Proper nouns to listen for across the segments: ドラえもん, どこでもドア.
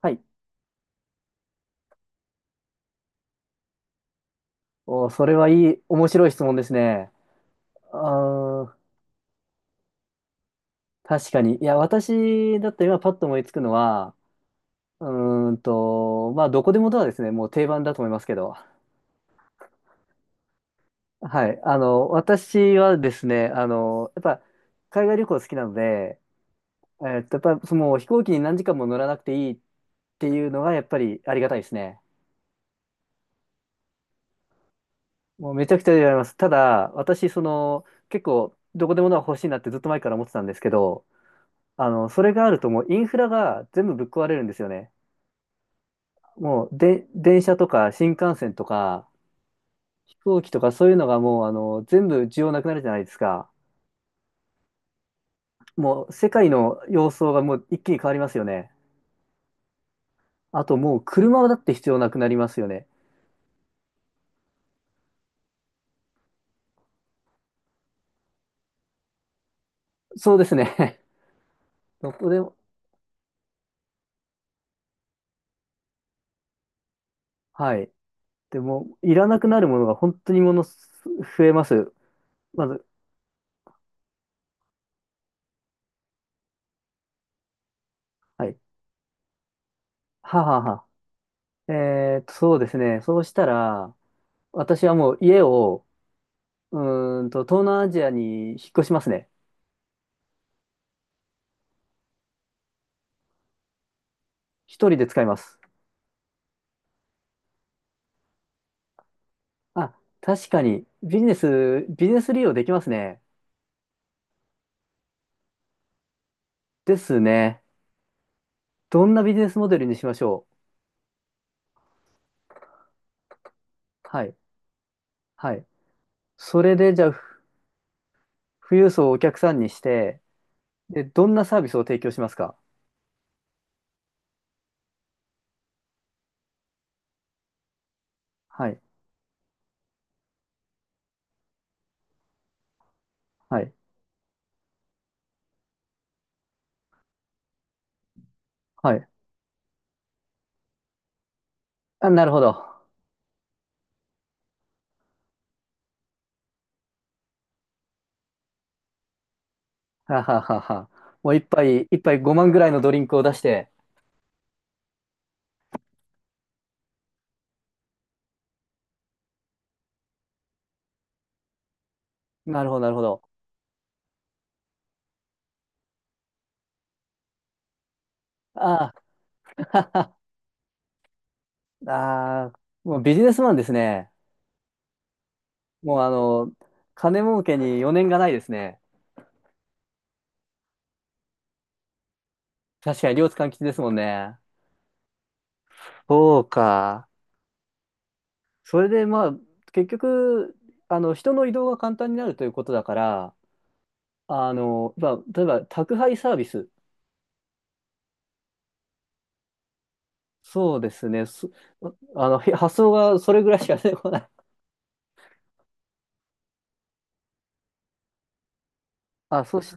はい。お、それはいい、面白い質問ですね。あー、確かに。いや、私だったら今パッと思いつくのは、うまあ、どこでもドアですね。もう定番だと思いますけど。はい。私はですね、やっぱ、海外旅行好きなので、やっぱ、その飛行機に何時間も乗らなくていいっていうのが、やっぱりありがたいですね。もうめちゃくちゃ言われます。ただ、私、その、結構、どこでもドア欲しいなってずっと前から思ってたんですけど、それがあるともうインフラが全部ぶっ壊れるんですよね。もうで、電車とか新幹線とか飛行機とかそういうのがもう全部需要なくなるじゃないですか。もう世界の様相がもう一気に変わりますよね。あともう車だって必要なくなりますよね。そうですね。どこでも、はい。でも、いらなくなるものが本当にものす増えます。まず、はい。はあはあはあ。そうですね。そうしたら、私はもう家を、う東南アジアに引っ越しますね。一人で使います。あ、確かに、ビジネス、ビジネス利用できますね。ですね。どんなビジネスモデルにしましょう。はい。はい。それで、じゃあ、富裕層をお客さんにして、で、どんなサービスを提供しますか？はい。はい。はい。あ、なるほど。はははは。もう一杯、一杯5万ぐらいのドリンクを出して。なるほど、なるほど。ああ、ああ、もうビジネスマンですね。もう金儲けに余念がないですね。確かに両津勘吉ですもんね。そうか。それでまあ、結局、人の移動が簡単になるということだから、まあ、例えば宅配サービス。そうですね。発想がそれぐらいしか出てこない。あ、そし、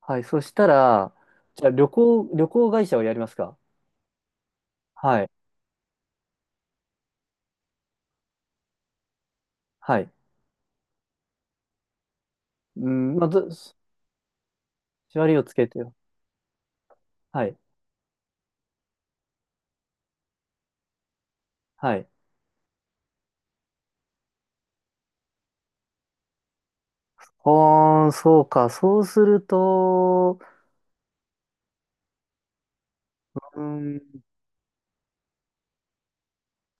はい。そしたら、じゃあ旅行、旅行会社をやりますか？はい。はい。うん、まあ、ず、縛りをつけてよ。はい。はい。ああ、そうか。そうすると、うん、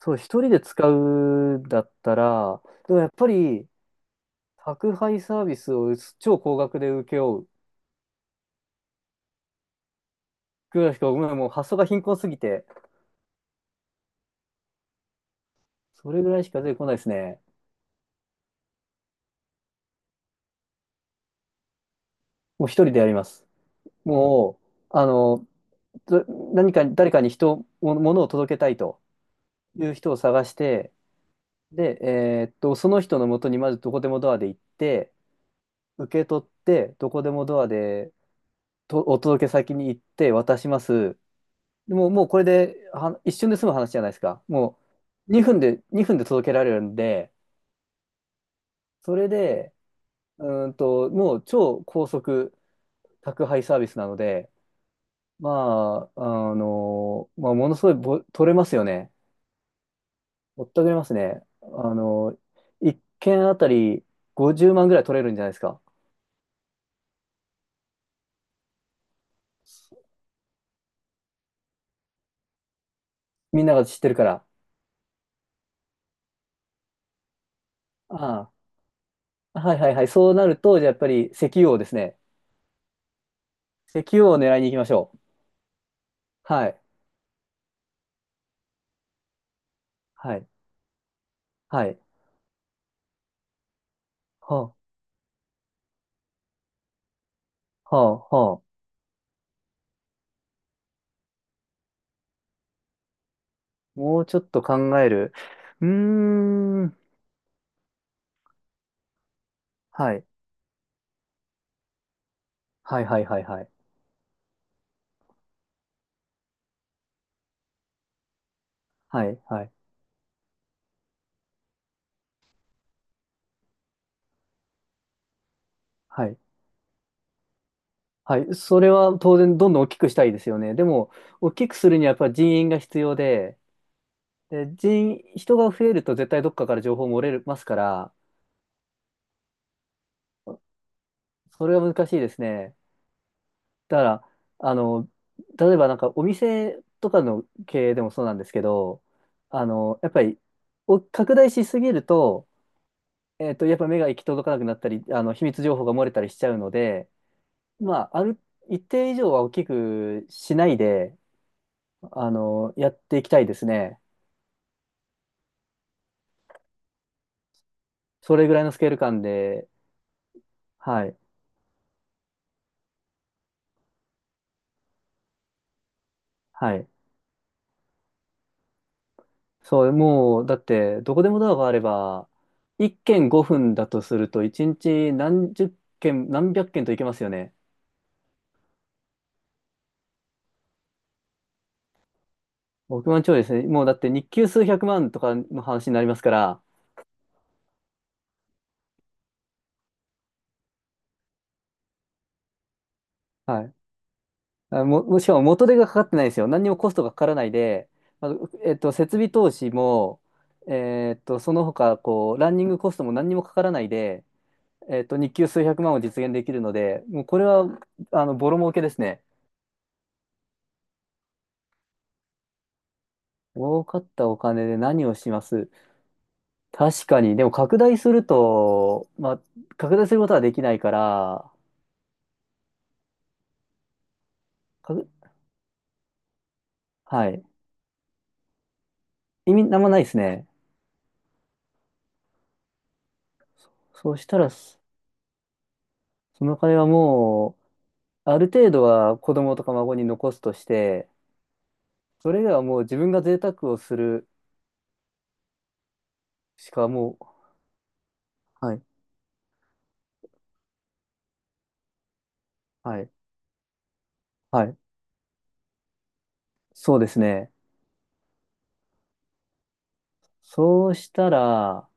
そう、一人で使うんだったら、でもやっぱり、宅配サービスを超高額で請け負うぐらいしか、ごめんもう発想が貧困すぎて、それぐらいしか出てこないですね。もう一人でやります。もう、ど何か、誰かにも物を届けたいという人を探して、で、その人のもとにまずどこでもドアで行って、受け取って、どこでもドアで、と、お届け先に行って渡します。でもう、もうこれで、は、一瞬で済む話じゃないですか。もう、2分で、2分で届けられるんで、それで、もう超高速宅配サービスなので、まあ、まあ、ものすごい取れますよね。ぼったくれますね。1件あたり50万ぐらい取れるんじゃないですか？みんなが知ってるから。ああ、はいはいはい。そうなると、じゃあやっぱり石油王ですね。石油王を狙いに行きましょう。はい。はい。はい。はあ、はあ、はあ。もうちょっと考える。うーん。はい。はい、はい、はい、はい。はい、はい、はい。はい。それは当然どんどん大きくしたいですよね。でも、大きくするにはやっぱり人員が必要で、で、人が増えると絶対どっかから情報漏れますから、それは難しいですね。だから、あの、例えばなんかお店とかの経営でもそうなんですけど、やっぱり、拡大しすぎると、やっぱ目が行き届かなくなったり、秘密情報が漏れたりしちゃうので、まあ、一定以上は大きくしないで、やっていきたいですね。それぐらいのスケール感で、はい、はい。そう、もう、だって、どこでもドアがあれば、1軒5分だとすると、1日何十件、何百件といけますよね。億万長者ですね。もうだって日給数百万とかの話になりますから、はい、もしかも元手がかかってないんですよ。何にもコストがかからないで、まあ、うえっと、設備投資も、その他、こう、ランニングコストも何にもかからないで、日給数百万を実現できるので、もうこれは、ボロ儲けですね。儲かったお金で何をします？確かに。でも拡大すると、まあ、拡大することはできないから、かくはい。意味なんもないですね。そうしたら、そのお金はもう、ある程度は子供とか孫に残すとして、それではもう自分が贅沢をするしかもう、はい、はい、はい。そうですね。そうしたら、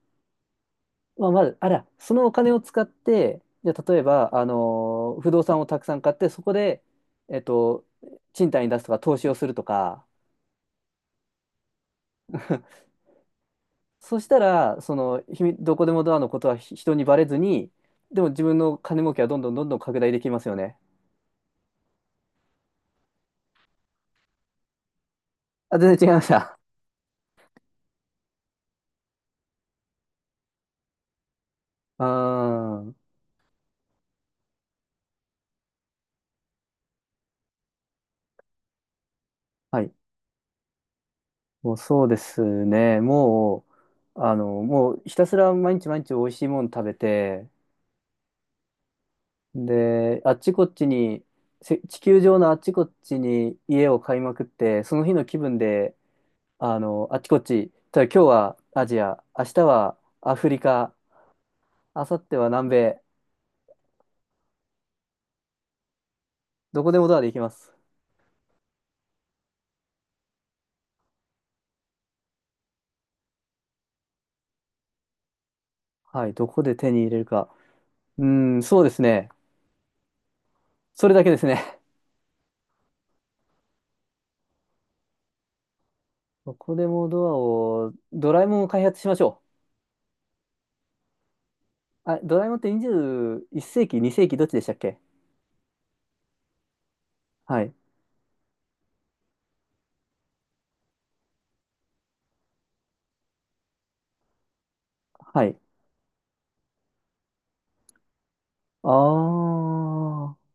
まあ、まず、あら、そのお金を使って、じゃあ例えば、不動産をたくさん買って、そこで、えっと、賃貸に出すとか、投資をするとか、そしたら、その、秘密どこでもドアのことは人にバレずに、でも自分の金儲けはどんどんどんどん拡大できますよね。あ、全然違いました。あー、はい。もうそうですね。もう、もうひたすら毎日毎日美味しいもの食べて、で、あっちこっちに、地球上のあっちこっちに家を買いまくって、その日の気分で、あっちこっち、例えば今日はアジア、明日はアフリカ、明後日は南米、どこでもドアで行きます。はい、どこで手に入れるか。うーん、そうですね。それだけですね。どこでもドアを、ドラえもんを開発しましょう。あ、ドラえもんって21世紀、2世紀どっちでしたっけ？はい。はい。ああ。